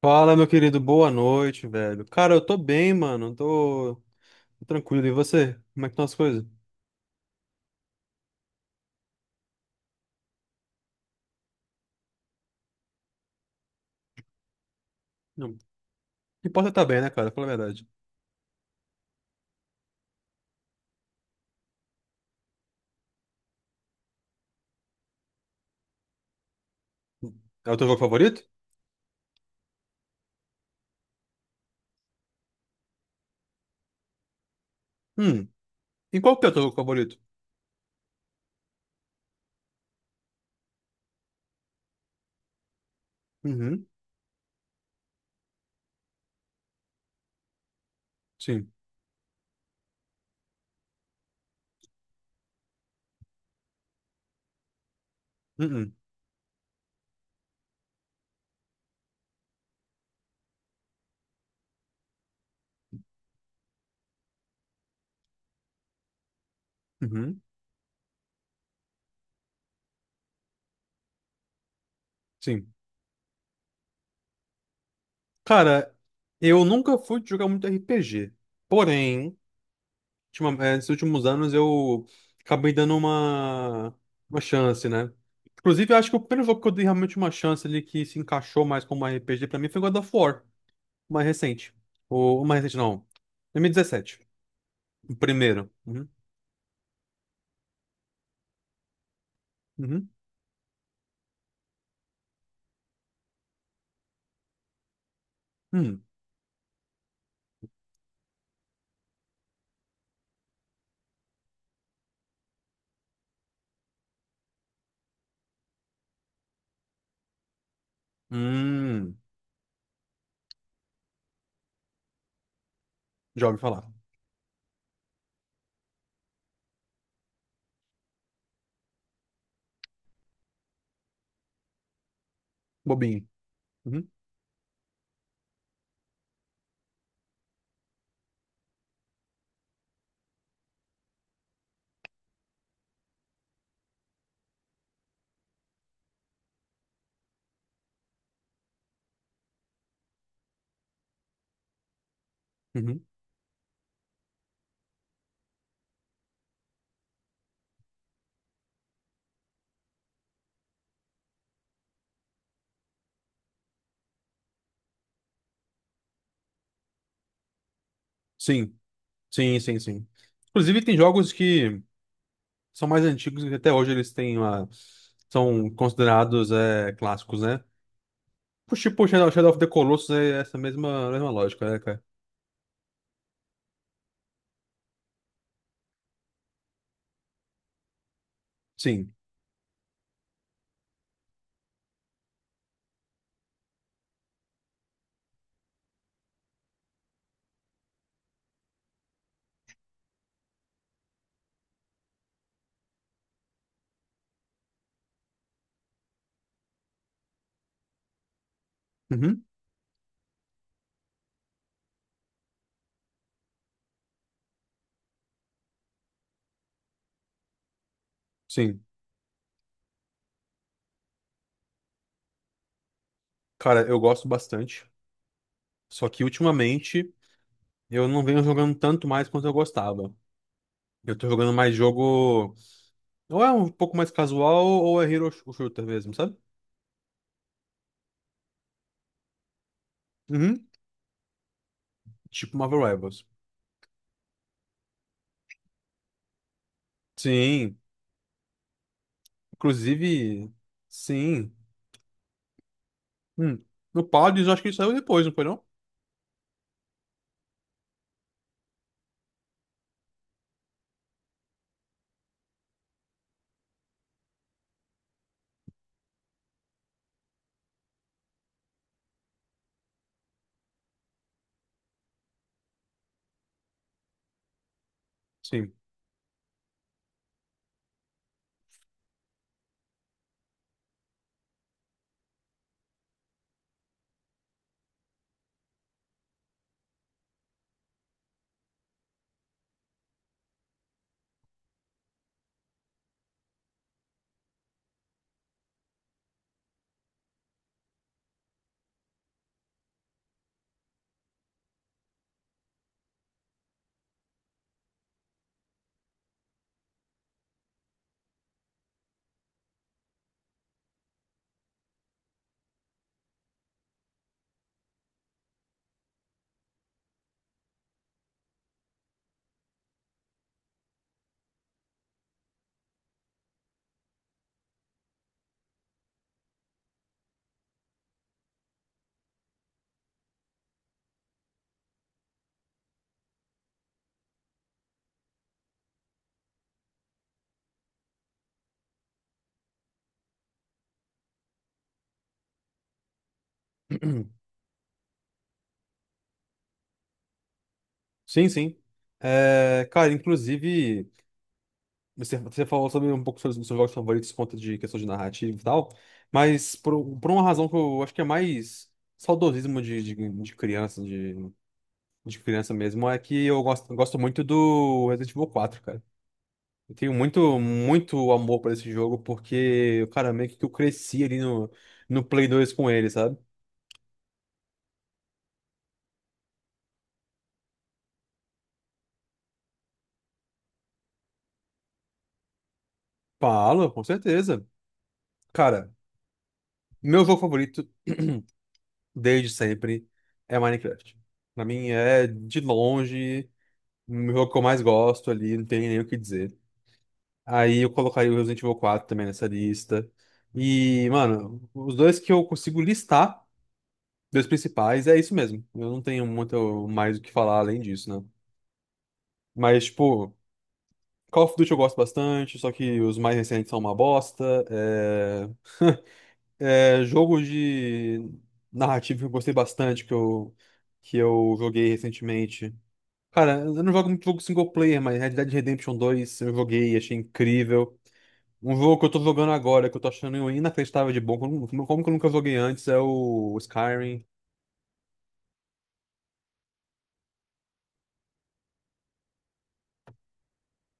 Fala, meu querido, boa noite, velho. Cara, eu tô bem, mano. Tô tranquilo. E você? Como é que estão as coisas? Não. Não importa tá bem, né, cara? Fala a verdade. É o teu jogo favorito? Hum. E qual que é o teu jogo favorito? Uhum. Sim. Uhum. Uhum. Sim. Cara, eu nunca fui de jogar muito RPG. Porém, nesses últimos anos eu acabei dando uma chance, né? Inclusive, eu acho que o primeiro jogo que eu dei realmente uma chance ali que se encaixou mais como RPG pra mim foi God of War. O mais recente. O mais recente, não. 2017. O primeiro. Uhum. Uhum. Hum. Hum. Já ouvi falar. Bobinho. Uhum. Uhum. Sim. Sim, sim, sim. Inclusive, tem jogos que são mais antigos e que até hoje eles têm uma... são considerados é, clássicos, né? Tipo, Shadow of the Colossus é essa mesma lógica, né, cara? Sim. Uhum. Sim. Cara, eu gosto bastante. Só que ultimamente eu não venho jogando tanto mais quanto eu gostava. Eu tô jogando mais jogo. Ou é um pouco mais casual, ou é shooter mesmo, sabe? Uhum. Tipo Marvel Rivals. Sim. Inclusive. Sim. Hum. No Paladins, eu acho que ele saiu depois, não foi não? Sim. Sim, sim. É, cara, inclusive, você falou sobre um pouco sobre os seus jogos favoritos por conta de questão de narrativa e tal, mas por uma razão que eu acho que é mais saudosismo de criança, de criança mesmo, é que eu gosto, gosto muito do Resident Evil quatro cara. Eu tenho muito, muito amor por esse jogo, porque, cara, meio que eu cresci ali no Play 2 com ele, sabe? Falo, com certeza. Cara, meu jogo favorito, desde sempre, é Minecraft. Pra mim é, de longe, o jogo que eu mais gosto ali, não tem nem o que dizer. Aí eu colocaria o Resident Evil quatro também nessa lista. E, mano, os dois que eu consigo listar dois principais, é isso mesmo. Eu não tenho muito mais o que falar além disso, né? Mas, tipo, Call of Duty eu gosto bastante, só que os mais recentes são uma bosta. É... É, jogo de narrativa que eu gostei bastante, que eu joguei recentemente. Cara, eu não jogo muito jogo single player, mas Red Dead Redemption dois eu joguei, achei incrível. Um jogo que eu tô jogando agora, que eu tô achando inacreditável de bom, como que eu nunca joguei antes, é o Skyrim.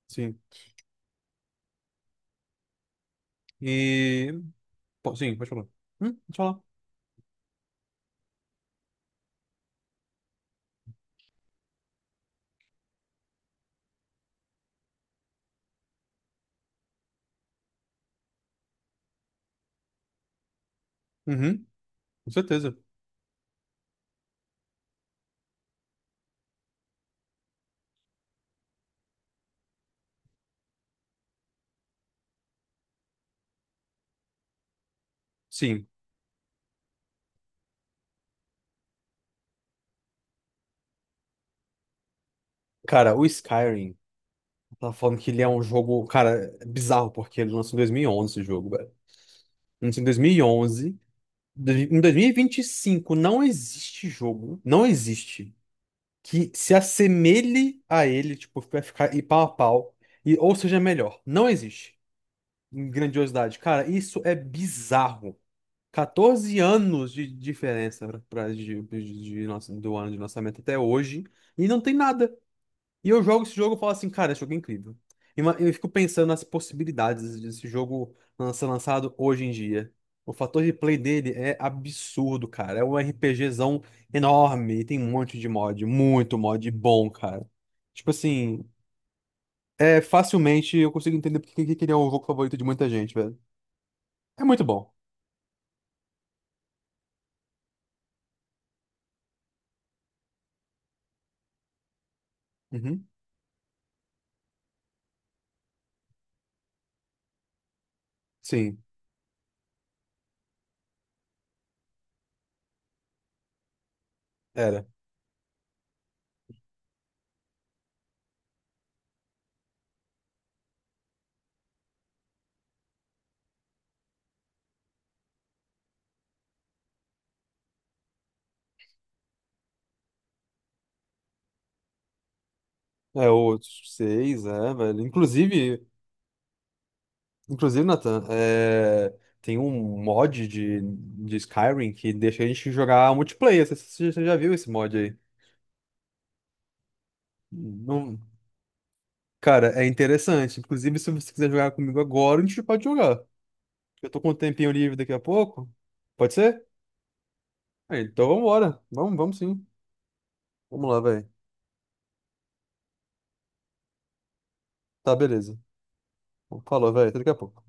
Sim. E po- sim, pode falar. Pode falar. Uhum, com certeza. Sim. Cara, o Skyrim, eu tava falando que ele é um jogo, cara, é bizarro, porque ele lançou em 2011 esse jogo, velho. Lançou em 2011. Em 2025 não existe jogo, não existe, que se assemelhe a ele, tipo, vai ficar e pau a pau, e, ou seja melhor. Não existe. Em grandiosidade. Cara, isso é bizarro. 14 anos de diferença pra, de do ano de lançamento até hoje. E não tem nada. E eu jogo esse jogo e falo assim, cara, esse jogo é incrível. E eu fico pensando nas possibilidades desse jogo ser lançado hoje em dia. O fator de play dele é absurdo, cara. É um RPGzão enorme. E tem um monte de mod. Muito mod bom, cara. Tipo assim, é facilmente eu consigo entender porque que ele é o jogo favorito de muita gente, velho. É muito bom. Uhum. Sim. Era é, outros 6, é, velho. Inclusive, inclusive, Nathan, é, tem um mod de Skyrim que deixa a gente jogar multiplayer. Você já viu esse mod aí? Não... Cara, é interessante. Inclusive, se você quiser jogar comigo agora, a gente pode jogar. Eu tô com um tempinho livre daqui a pouco. Pode ser? É, então vambora. Vamos, vamos sim. Vamos lá, velho. Tá, beleza. Falou, velho. Até daqui a pouco.